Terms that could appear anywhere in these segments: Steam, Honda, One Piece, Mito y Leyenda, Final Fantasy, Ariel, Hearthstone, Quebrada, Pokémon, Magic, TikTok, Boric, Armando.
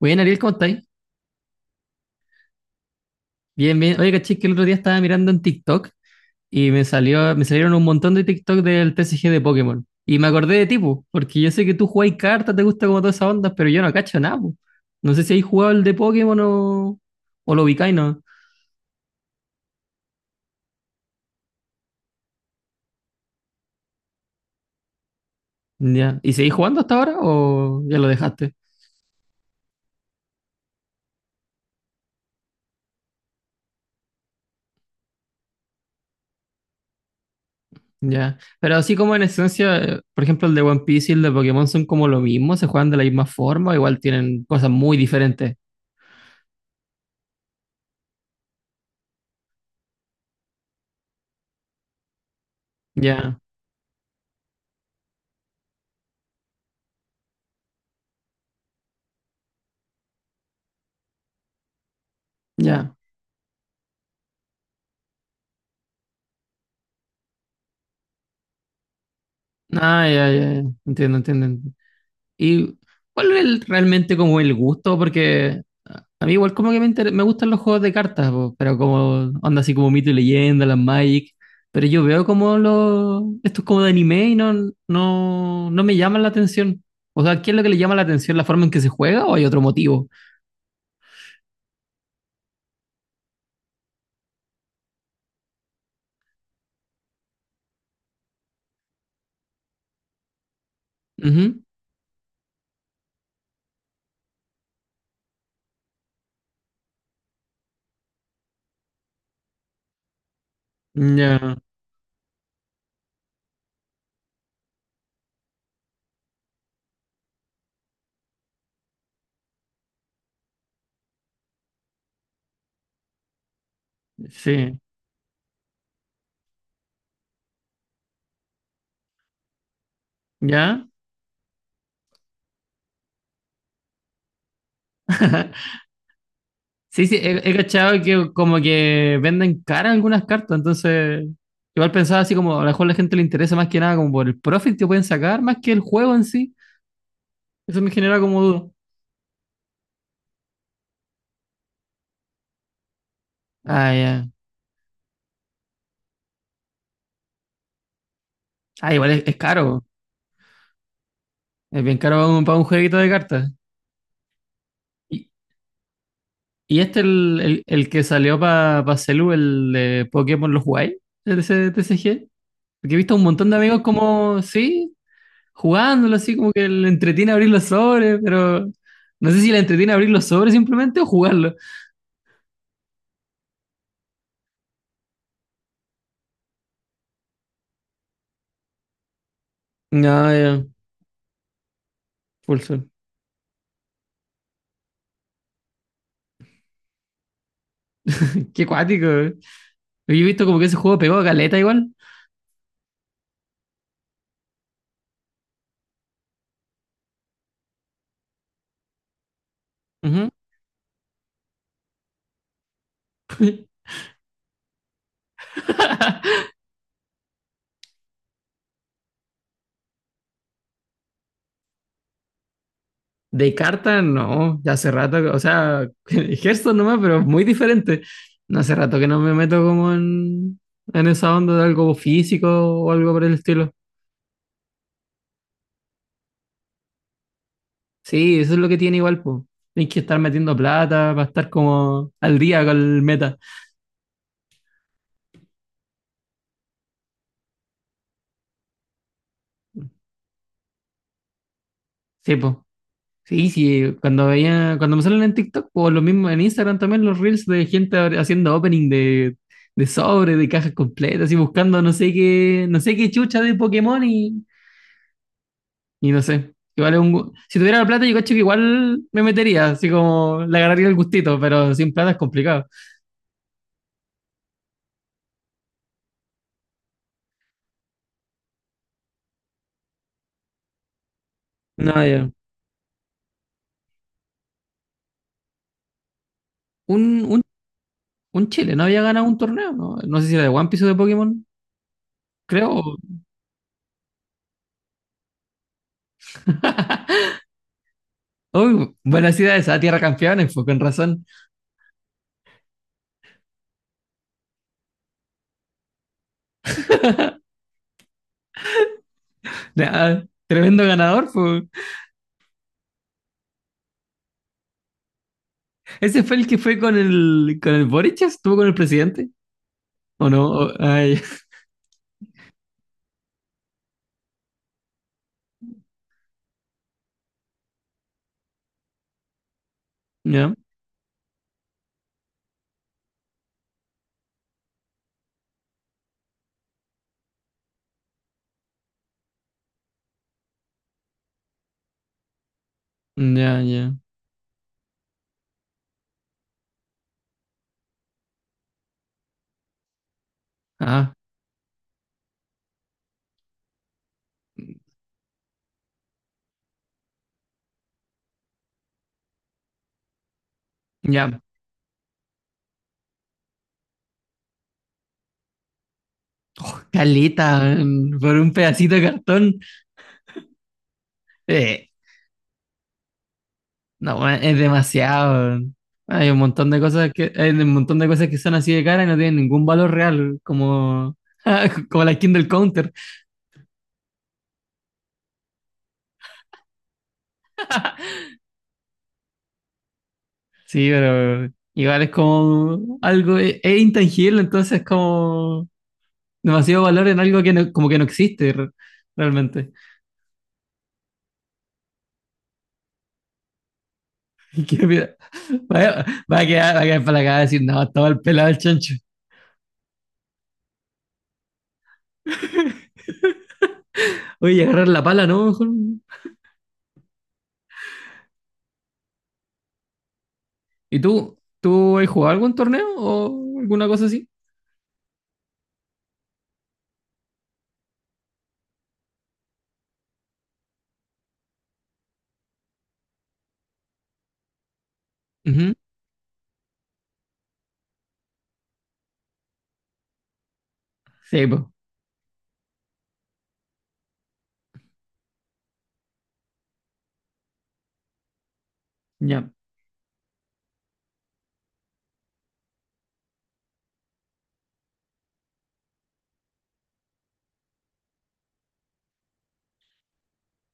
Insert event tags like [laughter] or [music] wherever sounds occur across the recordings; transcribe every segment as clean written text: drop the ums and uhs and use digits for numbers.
Bien, Ariel, ¿cómo estáis? Bien, bien. Oye, caché que el otro día estaba mirando en TikTok y me salieron un montón de TikTok del TCG de Pokémon. Y me acordé de ti, po, porque yo sé que tú jugáis cartas, te gusta como todas esas ondas, pero yo no cacho nada, po. No sé si habéis jugado el de Pokémon o lo ubicáis, ¿no? Ya. ¿Y seguís jugando hasta ahora o ya lo dejaste? Ya. Pero así como en esencia, por ejemplo, el de One Piece y el de Pokémon son como lo mismo, se juegan de la misma forma, igual tienen cosas muy diferentes. Ya, ya. Ah, ya, ya, ya. Entiendo, entiendo. ¿Y cuál es realmente como el gusto? Porque a mí igual como que me gustan los juegos de cartas, po, pero como onda así como Mito y Leyenda, las Magic, pero yo veo como estos como de anime no me llaman la atención. O sea, ¿qué es lo que le llama la atención? ¿La forma en que se juega o hay otro motivo? Ujú. Ya, sí. ¿Ya? Sí, sí, he cachado que como que venden cara algunas cartas, entonces igual pensaba así como a lo mejor la gente le interesa más que nada como por el profit que pueden sacar, más que el juego en sí. Eso me genera como duda. Ah, ya. Ah, es caro, es bien caro para para un jueguito de cartas. ¿Y, y este el que salió para Celu, el de Pokémon los jugáis? ¿El de ese T C G, porque he visto a un montón de amigos como, sí, jugándolo así, como que le entretiene abrir los sobres, pero no sé si le entretiene abrir los sobres simplemente o jugarlo. No, ya, full Sol. Qué cuático, eh. Yo he visto como que ese juego pegó a caleta igual. Ujú. De carta, no, ya hace rato, o sea, [laughs] Hearthstone nomás, pero muy diferente. No hace rato que no me meto como en esa onda de algo físico o algo por el estilo. Sí, eso es lo que tiene igual, pues. Tienes que estar metiendo plata para estar como al día con el meta. Sí, pues. Sí, sí, cuando me salen en TikTok o lo mismo en Instagram también los reels de gente haciendo opening de sobre, de cajas completas y buscando no sé qué, no sé qué chucha de y no sé. Igual es si tuviera la plata yo cacho que igual me metería, así como le agarraría el gustito, pero sin plata es complicado. No, ya. Un, un, un Chile no había ganado un torneo, ¿no? No sé si era de One Piece o de Pokémon, creo. Uy, buena ciudad esa Tierra Campeones, pues con razón. Ah, tremendo ganador, pues. ¿Ese fue el que fue con con el Boric? ¿Estuvo con el presidente? ¿O no? Ay, [laughs] ya, ya, ya. Ah, ya. Oh, caleta, weón, por un pedacito de cartón. Eh, no, weón, es demasiado. Weón. Hay un montón de cosas que, hay un montón de cosas que son así de cara y no tienen ningún valor real, como, [laughs] como la skin del counter. Sí, pero igual es como algo, es intangible, entonces como demasiado valor en algo que como que no existe realmente. [laughs] Qué mira, vaya- va a quedar para la cagada decir, no, estaba el pelado el chancho. Oye, agarrar la pala, ¿no? Mejor. ¿Y tú? ¿Tú has jugado algún torneo o alguna cosa así? Ujú. Sí, pues. Ya.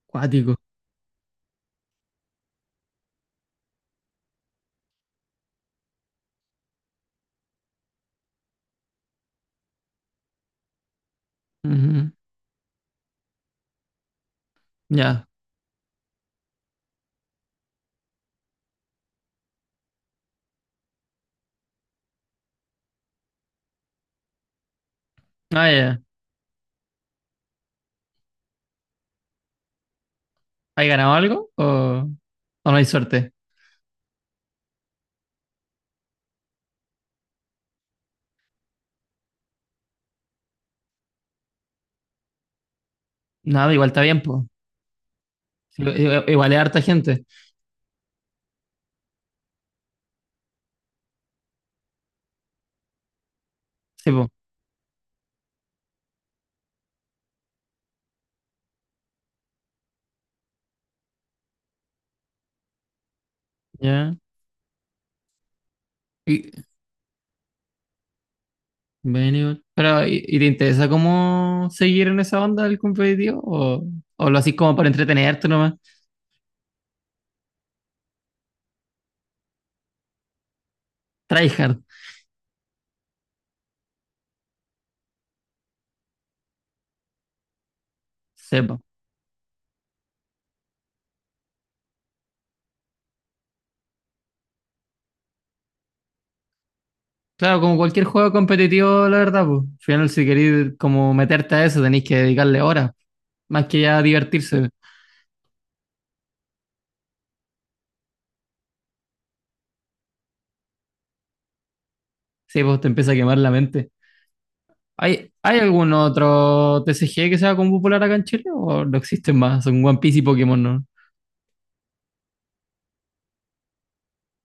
Cuático. Ujú. Ya. Ah, ya. ¿Has ganado algo? O no hay suerte? Nada, igual está bien, pues. Igual es harta gente. Sí, pues. Ya. Y, bueno, pero, y te interesa cómo seguir en esa onda del competitivo? O lo haces como para entretenerte nomás? Tryhard. Sí, claro, como cualquier juego competitivo, la verdad, pues. Al final, si queréis como meterte a eso, tenéis que dedicarle horas, más que ya divertirse. Sí, pues te empieza a quemar la mente. ¿Hay, hay algún otro TCG que sea como popular acá en Chile? ¿O no existen más? Son One Piece y Pokémon, ¿no?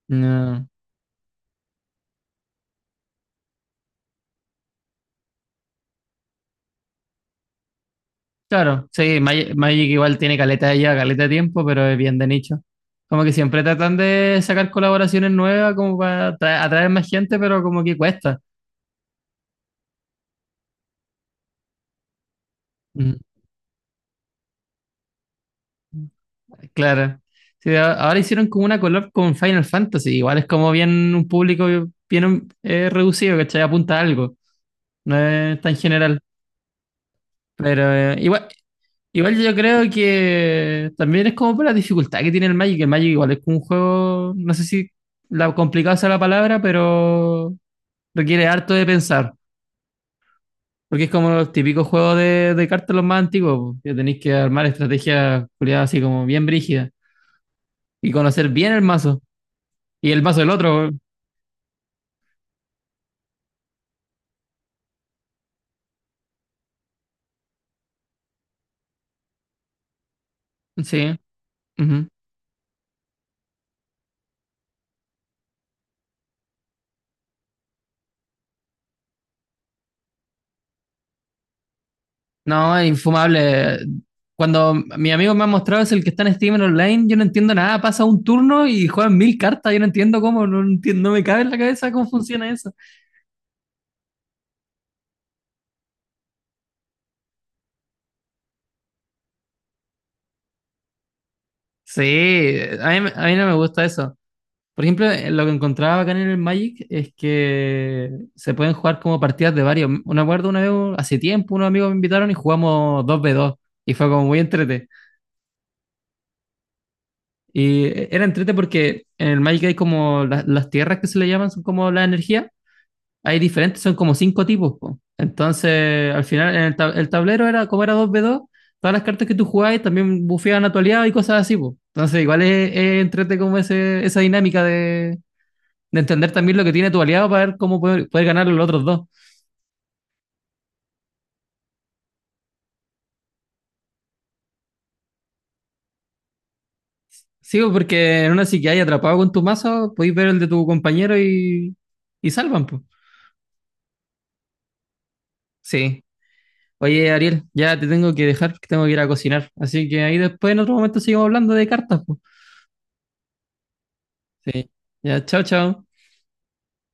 No. Claro, sí, Magic igual tiene caleta ya, caleta de tiempo, pero es bien de nicho. Como que siempre tratan de sacar colaboraciones nuevas como para atraer más gente, pero como que cuesta. Mm. Claro. Sí, ahora hicieron como una collab con Final Fantasy. Igual es como bien un público bien reducido, ¿cachai? Apunta a algo. No es tan general. Pero igual, igual yo creo que también es como por la dificultad que tiene el Magic. El Magic igual es como un juego, no sé si la complicado sea la palabra, pero requiere harto de pensar. Porque es como los típicos juegos de cartas los más antiguos, po, que tenéis que armar estrategias culiadas así como bien brígidas y conocer bien el mazo. Y el mazo del otro, sí. Ujú. No, es infumable. Cuando mi amigo me ha mostrado es el que está en Steam Online, yo no entiendo nada. Pasa un turno y juegan mil cartas. Yo no entiendo cómo, entiendo, no me cabe en la cabeza cómo funciona eso. Sí, a mí no me gusta eso. Por ejemplo, lo que encontraba acá en el Magic es que se pueden jugar como partidas de varios. Me acuerdo una vez, hace tiempo, unos amigos me invitaron y jugamos dos v dos y fue como muy entrete. Y era entrete porque en el Magic hay como las tierras que se le llaman, son como la energía. Hay diferentes, son como cinco tipos, po. Entonces, al final, en el tablero era como era dos v dos, todas las cartas que tú jugabas también bufeaban a tu aliado y cosas así, po. Entonces, igual es entrete como esa dinámica de entender también lo que tiene tu aliado para ver cómo poder ganar los otros dos. Sí, po, porque en una si que hay atrapado con tu mazo, podéis ver el de tu compañero y salvan, pues. Sí. Oye, Ariel, ya te tengo que dejar, que tengo que ir a cocinar. Así que ahí después en otro momento seguimos hablando de cartas, po. Sí. Ya, chao, chao.